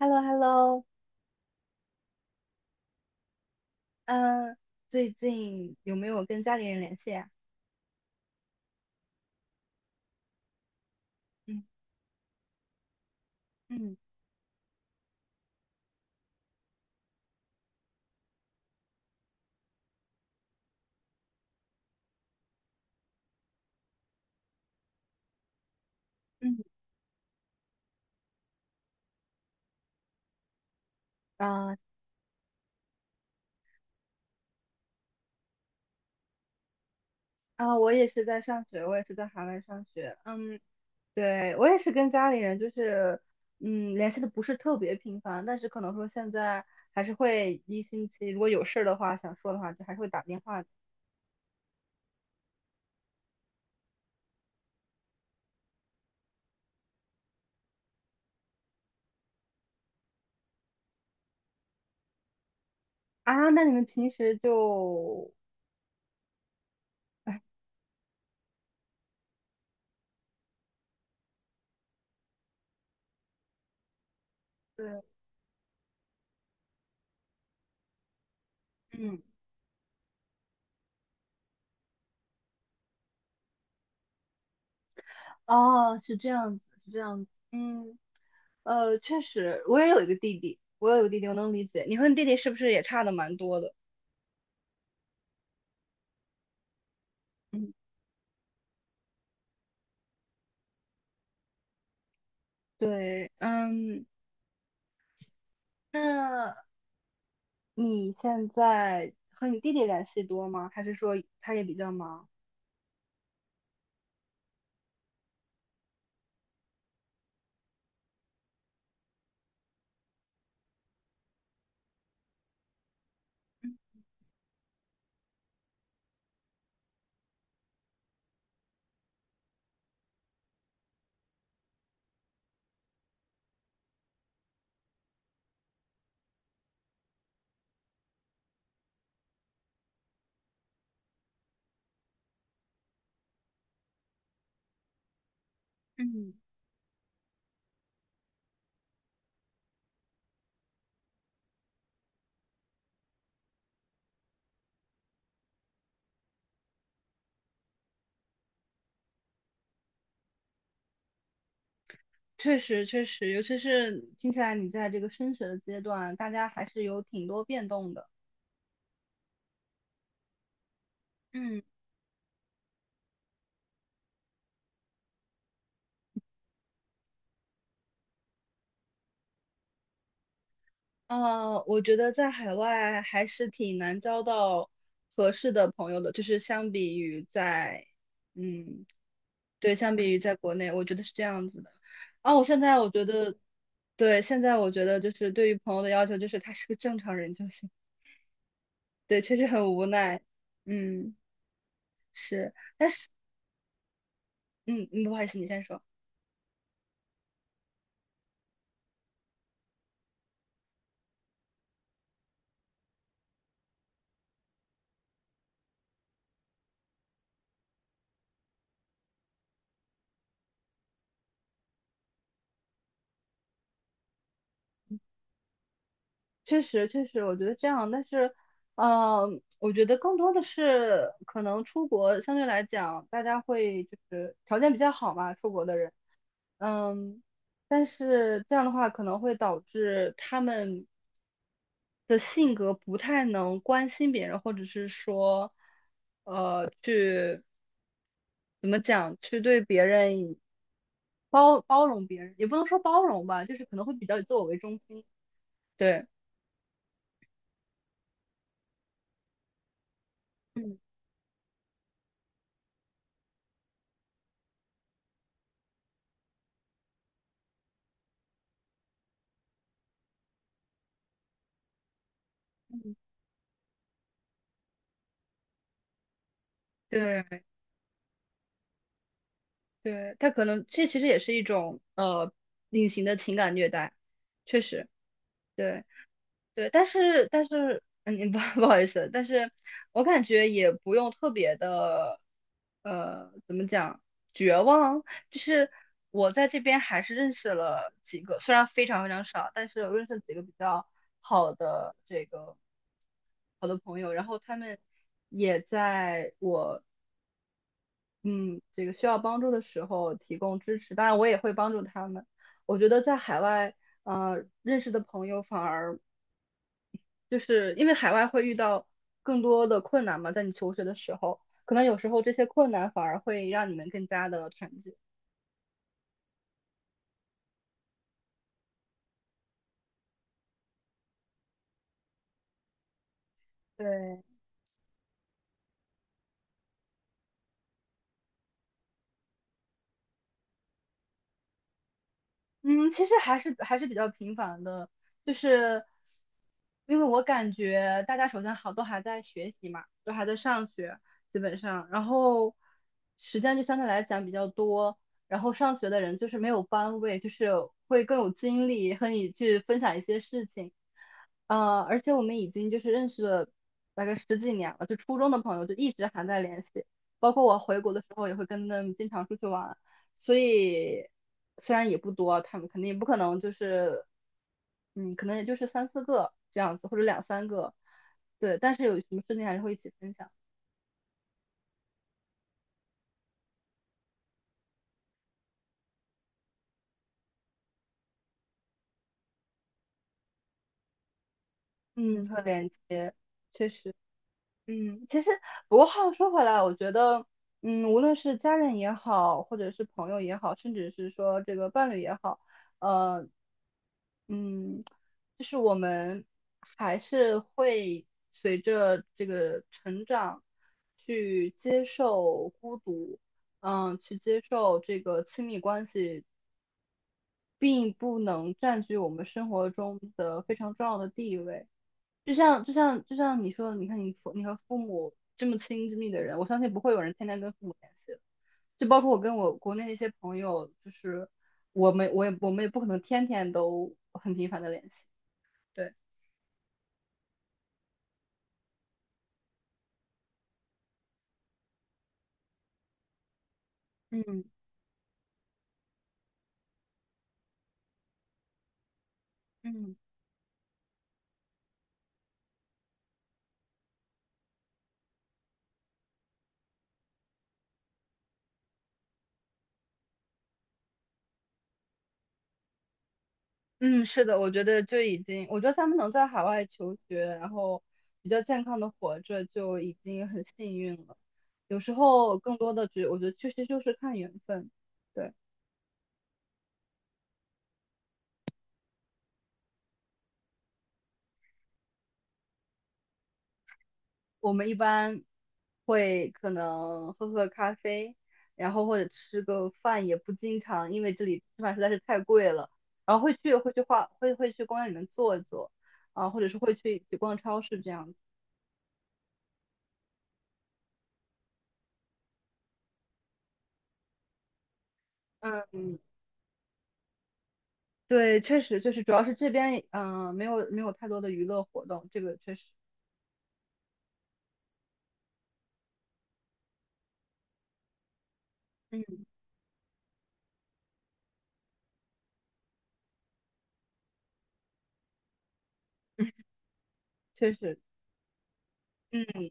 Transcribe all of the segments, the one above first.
h e l l o h e l l o 嗯，最近有没有跟家里人联系呀？嗯嗯嗯，啊啊，我也是在上学，我也是在海外上学。嗯，对，我也是跟家里人就是，联系的不是特别频繁，但是可能说现在还是会一星期，如果有事儿的话，想说的话，就还是会打电话的。啊，那你们平时就，哎，对，嗯，哦，是这样子，是这样子，嗯。确实，我有一个弟弟，我能理解。你和你弟弟是不是也差的蛮多的？嗯，对，嗯，那你现在和你弟弟联系多吗？还是说他也比较忙？嗯，确实，确实，尤其是听起来你在这个升学的阶段，大家还是有挺多变动的。嗯，我觉得在海外还是挺难交到合适的朋友的，就是相比于在，嗯，对，相比于在国内，我觉得是这样子的。哦，现在我觉得，对，现在我觉得就是对于朋友的要求就是他是个正常人就行。对，确实很无奈。嗯，是，嗯，嗯，不好意思，你先说。确实，确实，我觉得这样，但是，呃，我觉得更多的是可能出国相对来讲，大家会就是条件比较好嘛，出国的人，嗯，但是这样的话可能会导致他们的性格不太能关心别人，或者是说，去怎么讲，去对别人包容别人，也不能说包容吧，就是可能会比较以自我为中心，对。嗯。对对，他可能这其实也是一种隐形的情感虐待，确实，对对，但是嗯，不 不好意思，但是我感觉也不用特别的，怎么讲，绝望，就是我在这边还是认识了几个，虽然非常非常少，但是我认识了几个比较好的这个好的朋友，然后他们也在我嗯，这个需要帮助的时候提供支持，当然我也会帮助他们。我觉得在海外，认识的朋友反而就是因为海外会遇到更多的困难嘛，在你求学的时候，可能有时候这些困难反而会让你们更加的团结。对，嗯，其实还是比较频繁的，就是因为我感觉大家首先好都还在学习嘛，都还在上学，基本上，然后时间就相对来讲比较多，然后上学的人就是没有班位，就是会更有精力和你去分享一些事情，而且我们已经就是认识了大概十几年了，就初中的朋友就一直还在联系，包括我回国的时候也会跟他们经常出去玩。所以虽然也不多，他们肯定也不可能就是，嗯，可能也就是三四个这样子，或者两三个，对。但是有什么事情还是会一起分享，嗯，和连接，确实，嗯，其实不过话又说回来，我觉得，嗯，无论是家人也好，或者是朋友也好，甚至是说这个伴侣也好，呃，嗯，就是我们还是会随着这个成长去接受孤独，去接受这个亲密关系，并不能占据我们生活中的非常重要的地位。就像你说的，你看你和父母这么亲这么密的人，我相信不会有人天天跟父母联系的。就包括我跟我国内一些朋友，就是我们也不可能天天都很频繁的联系。对。嗯嗯嗯，是的，我觉得就已经，我觉得他们能在海外求学，然后比较健康的活着，就已经很幸运了。有时候更多的我觉得确实就是看缘分。对，我们一般会可能喝喝咖啡，然后或者吃个饭，也不经常，因为这里吃饭实在是太贵了。然后会去公园里面坐一坐，啊，或者是会去一起逛超市这样子。对，确实就是，主要是这边没有太多的娱乐活动，这个确实，嗯，确实，嗯，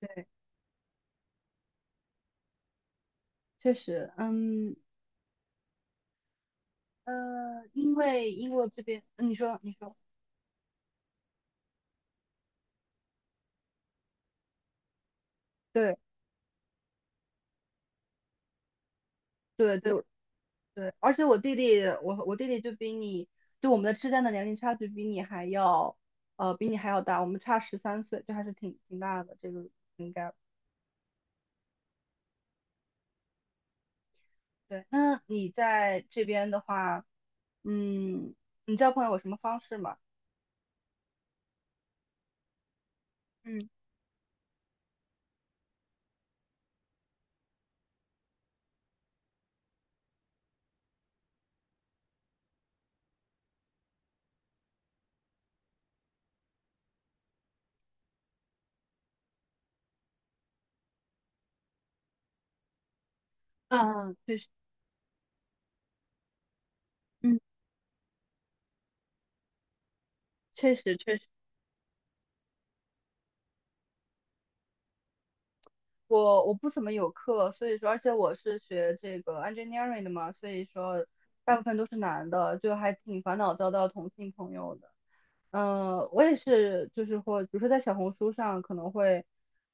对，确实，因为英国这边，嗯你说你说，对对对对，而且我弟弟，我弟弟就比你，就我们的之间的年龄差距比你还要大，我们差13岁，这还是挺大的，这个应该对。那你在这边的话，嗯，你交朋友有什么方式吗？嗯嗯，确实。确实确实，我不怎么有课，所以说，而且我是学这个 engineering 的嘛，所以说大部分都是男的，就还挺烦恼交到同性朋友的。嗯、我也是，就是或比如说在小红书上可能会，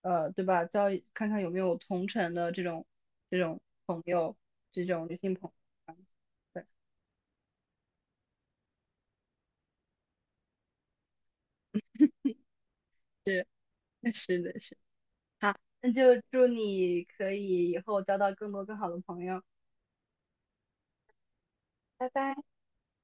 对吧，看看有没有同城的这种朋友，这种女性朋友。对，是 是的是。好，那就祝你可以以后交到更多更好的朋友，拜拜。